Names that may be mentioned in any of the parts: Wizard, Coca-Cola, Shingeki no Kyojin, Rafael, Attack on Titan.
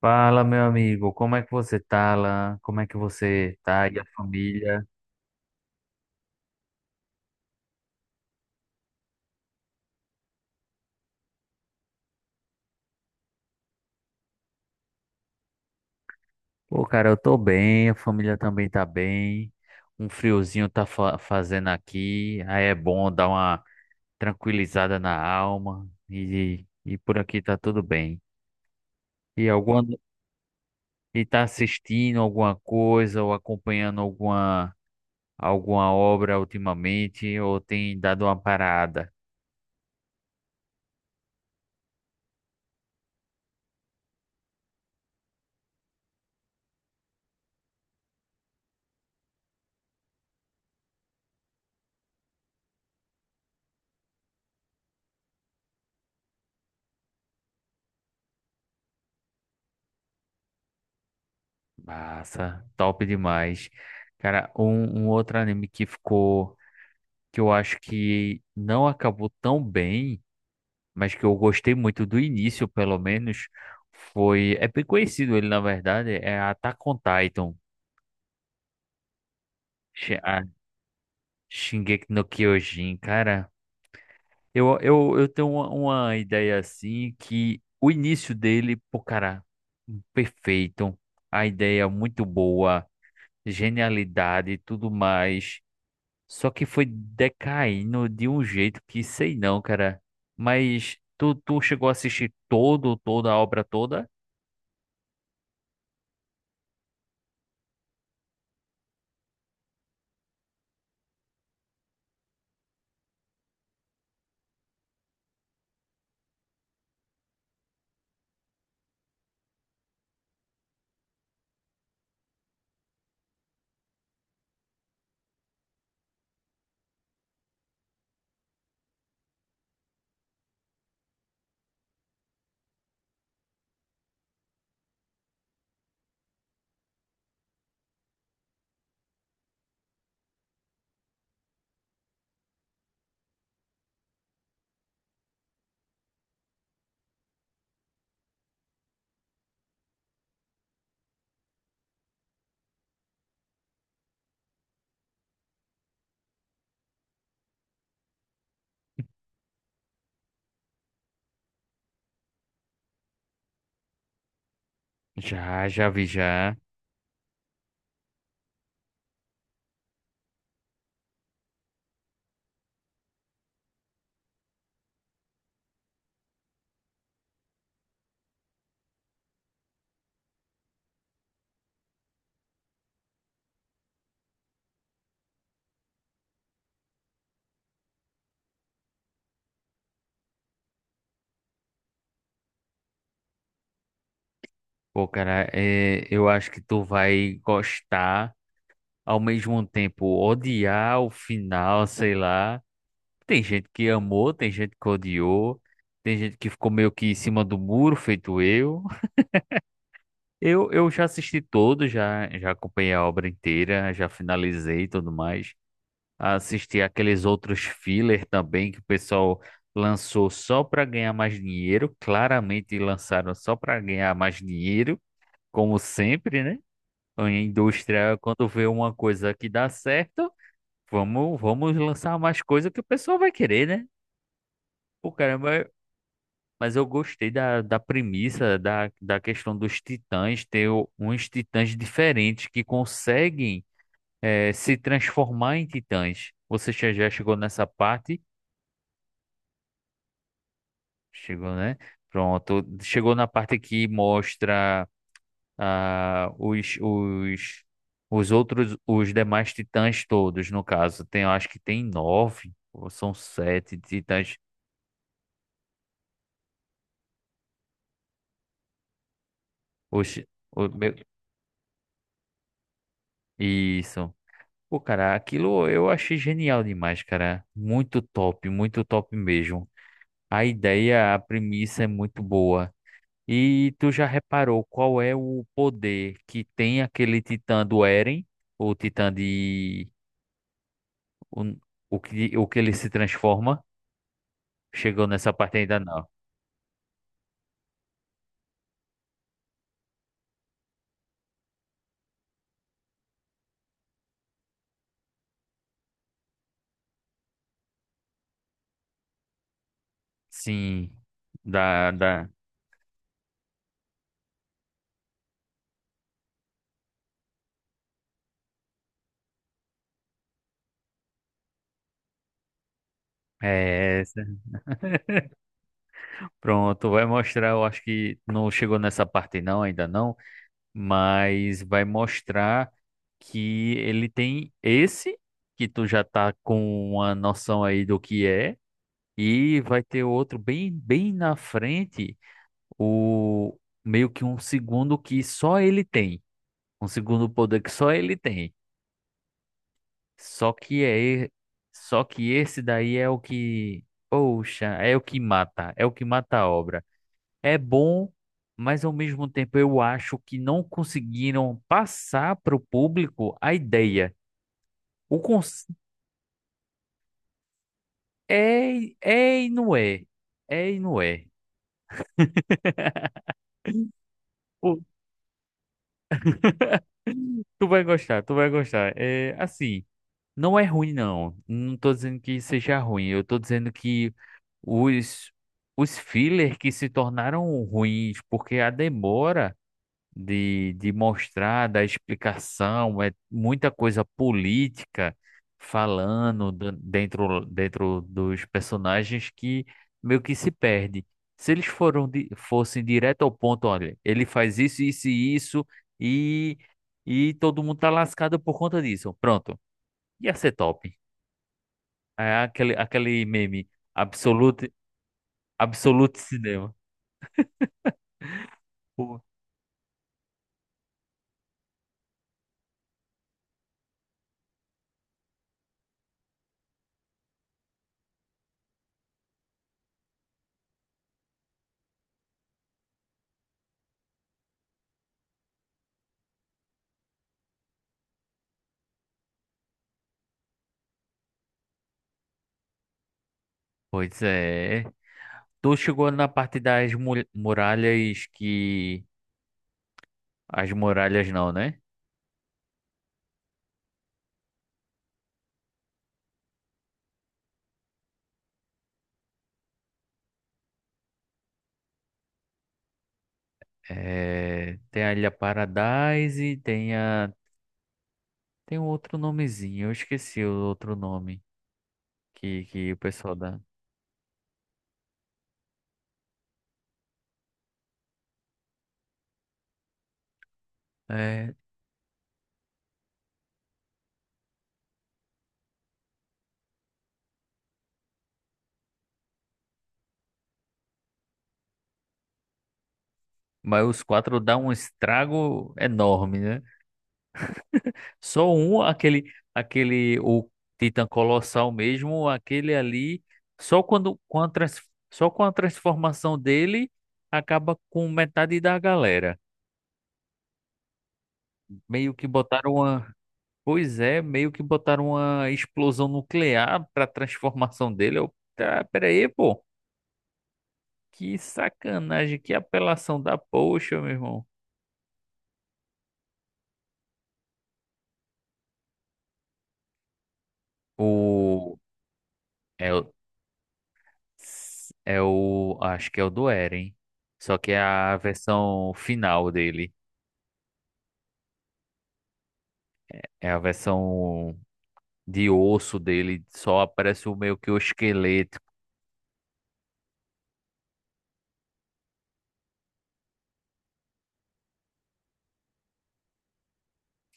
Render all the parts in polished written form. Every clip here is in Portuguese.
Fala, meu amigo, como é que você tá, Alan? Como é que você tá e a família? Pô, cara, eu tô bem, a família também tá bem. Um friozinho tá fazendo aqui, aí é bom dar uma tranquilizada na alma e por aqui tá tudo bem. E alguma e tá assistindo alguma coisa ou acompanhando alguma obra ultimamente ou tem dado uma parada? Massa, top demais. Cara, um outro anime que eu acho que não acabou tão bem, mas que eu gostei muito do início, pelo menos, foi. É bem conhecido ele, na verdade, é Attack on Titan, Shi- a Shingeki no Kyojin, cara. Eu tenho uma ideia assim que o início dele, pô, cara, perfeito, a ideia muito boa, genialidade e tudo mais. Só que foi decaindo de um jeito que sei não, cara. Mas tu chegou a assistir toda a obra toda? Já, já vi já. Pô, cara, é, eu acho que tu vai gostar, ao mesmo tempo odiar o final, sei lá. Tem gente que amou, tem gente que odiou, tem gente que ficou meio que em cima do muro, feito eu. Eu já assisti todo, já acompanhei a obra inteira, já finalizei e tudo mais. Assisti aqueles outros filler também que o pessoal lançou só para ganhar mais dinheiro. Claramente lançaram só para ganhar mais dinheiro, como sempre, né? A indústria, quando vê uma coisa que dá certo, vamos lançar mais coisa que o pessoal vai querer, né? Pô, caramba, mas eu gostei da premissa, da questão dos titãs, ter uns titãs diferentes que conseguem se transformar em titãs. Você já chegou nessa parte? Chegou, né? Pronto. Chegou na parte que mostra ah, os outros, os demais titãs todos, no caso. Tem, eu acho que tem nove, ou são sete titãs. Oxi, o meu- Isso. Pô, cara, aquilo eu achei genial demais, cara. Muito top mesmo. A ideia, a premissa é muito boa. E tu já reparou qual é o poder que tem aquele titã do Eren? O titã de O, o que, O que ele se transforma. Chegou nessa parte ainda não. Sim. Da, da, é essa. Pronto, vai mostrar. Eu acho que não chegou nessa parte não, ainda não. Mas vai mostrar que ele tem esse, que tu já tá com uma noção aí do que é. E vai ter outro bem, bem na frente, o meio que um segundo que só ele tem. Um segundo poder que só ele tem. Só que é, e- Só que esse daí é o que, poxa, é o que mata, é o que mata a obra. É bom, mas ao mesmo tempo eu acho que não conseguiram passar para o público a ideia. O cons... É e não é, é e não é. Pô, tu vai gostar, tu vai gostar. É assim, não é ruim não. Não tô dizendo que seja ruim. Eu tô dizendo que os os filler que se tornaram ruins porque a demora de mostrar, da explicação, é muita coisa política falando dentro dos personagens que meio que se perde. Se eles fossem direto ao ponto, olha, ele faz isso, isso e isso, e, e todo mundo tá lascado por conta disso. Pronto, ia ser top. É aquele meme, absolute, absolute cinema. Pô, pois é. Tu chegou na parte das muralhas que. As muralhas não, né? É, tem a Ilha Paradise, tem a. Tem um outro nomezinho, eu esqueci o outro nome que o pessoal dá. É, mas os quatro dão um estrago enorme, né? Só um, o Titã Colossal mesmo, aquele ali, só quando, com a trans- só com a transformação dele, acaba com metade da galera. Meio que botaram uma. Pois é, meio que botaram uma explosão nuclear pra transformação dele. Eu, tá, pera aí, pô. Que sacanagem, que apelação da poxa, meu irmão. O. É o. É o. Acho que é o do Eren. Só que é a versão final dele. É a versão de osso dele. Só aparece o meio que o esqueleto.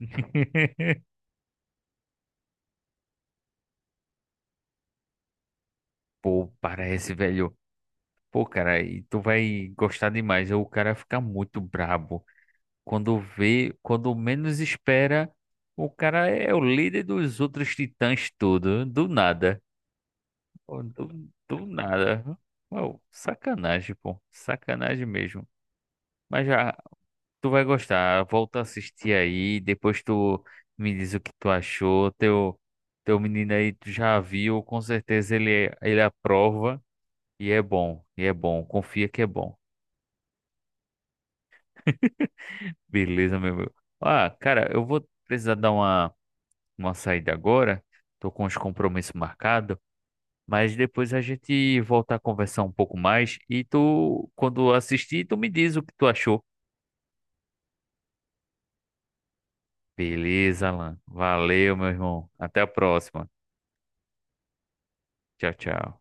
Pô, parece, velho. Pô, cara, e tu vai gostar demais. O cara fica muito brabo. Quando vê, quando menos espera, o cara é o líder dos outros titãs tudo. Do nada. Pô, do nada. Uau, sacanagem, pô. Sacanagem mesmo. Mas já, tu vai gostar. Volta a assistir aí. Depois tu me diz o que tu achou. Teu menino aí, tu já viu. Com certeza ele aprova. E é bom. E é bom. Confia que é bom. Beleza, meu amigo. Ah, cara, eu vou precisar dar uma saída agora. Tô com os compromissos marcados. Mas depois a gente volta a conversar um pouco mais. E tu, quando assistir, tu me diz o que tu achou. Beleza, Alan. Valeu, meu irmão. Até a próxima. Tchau, tchau.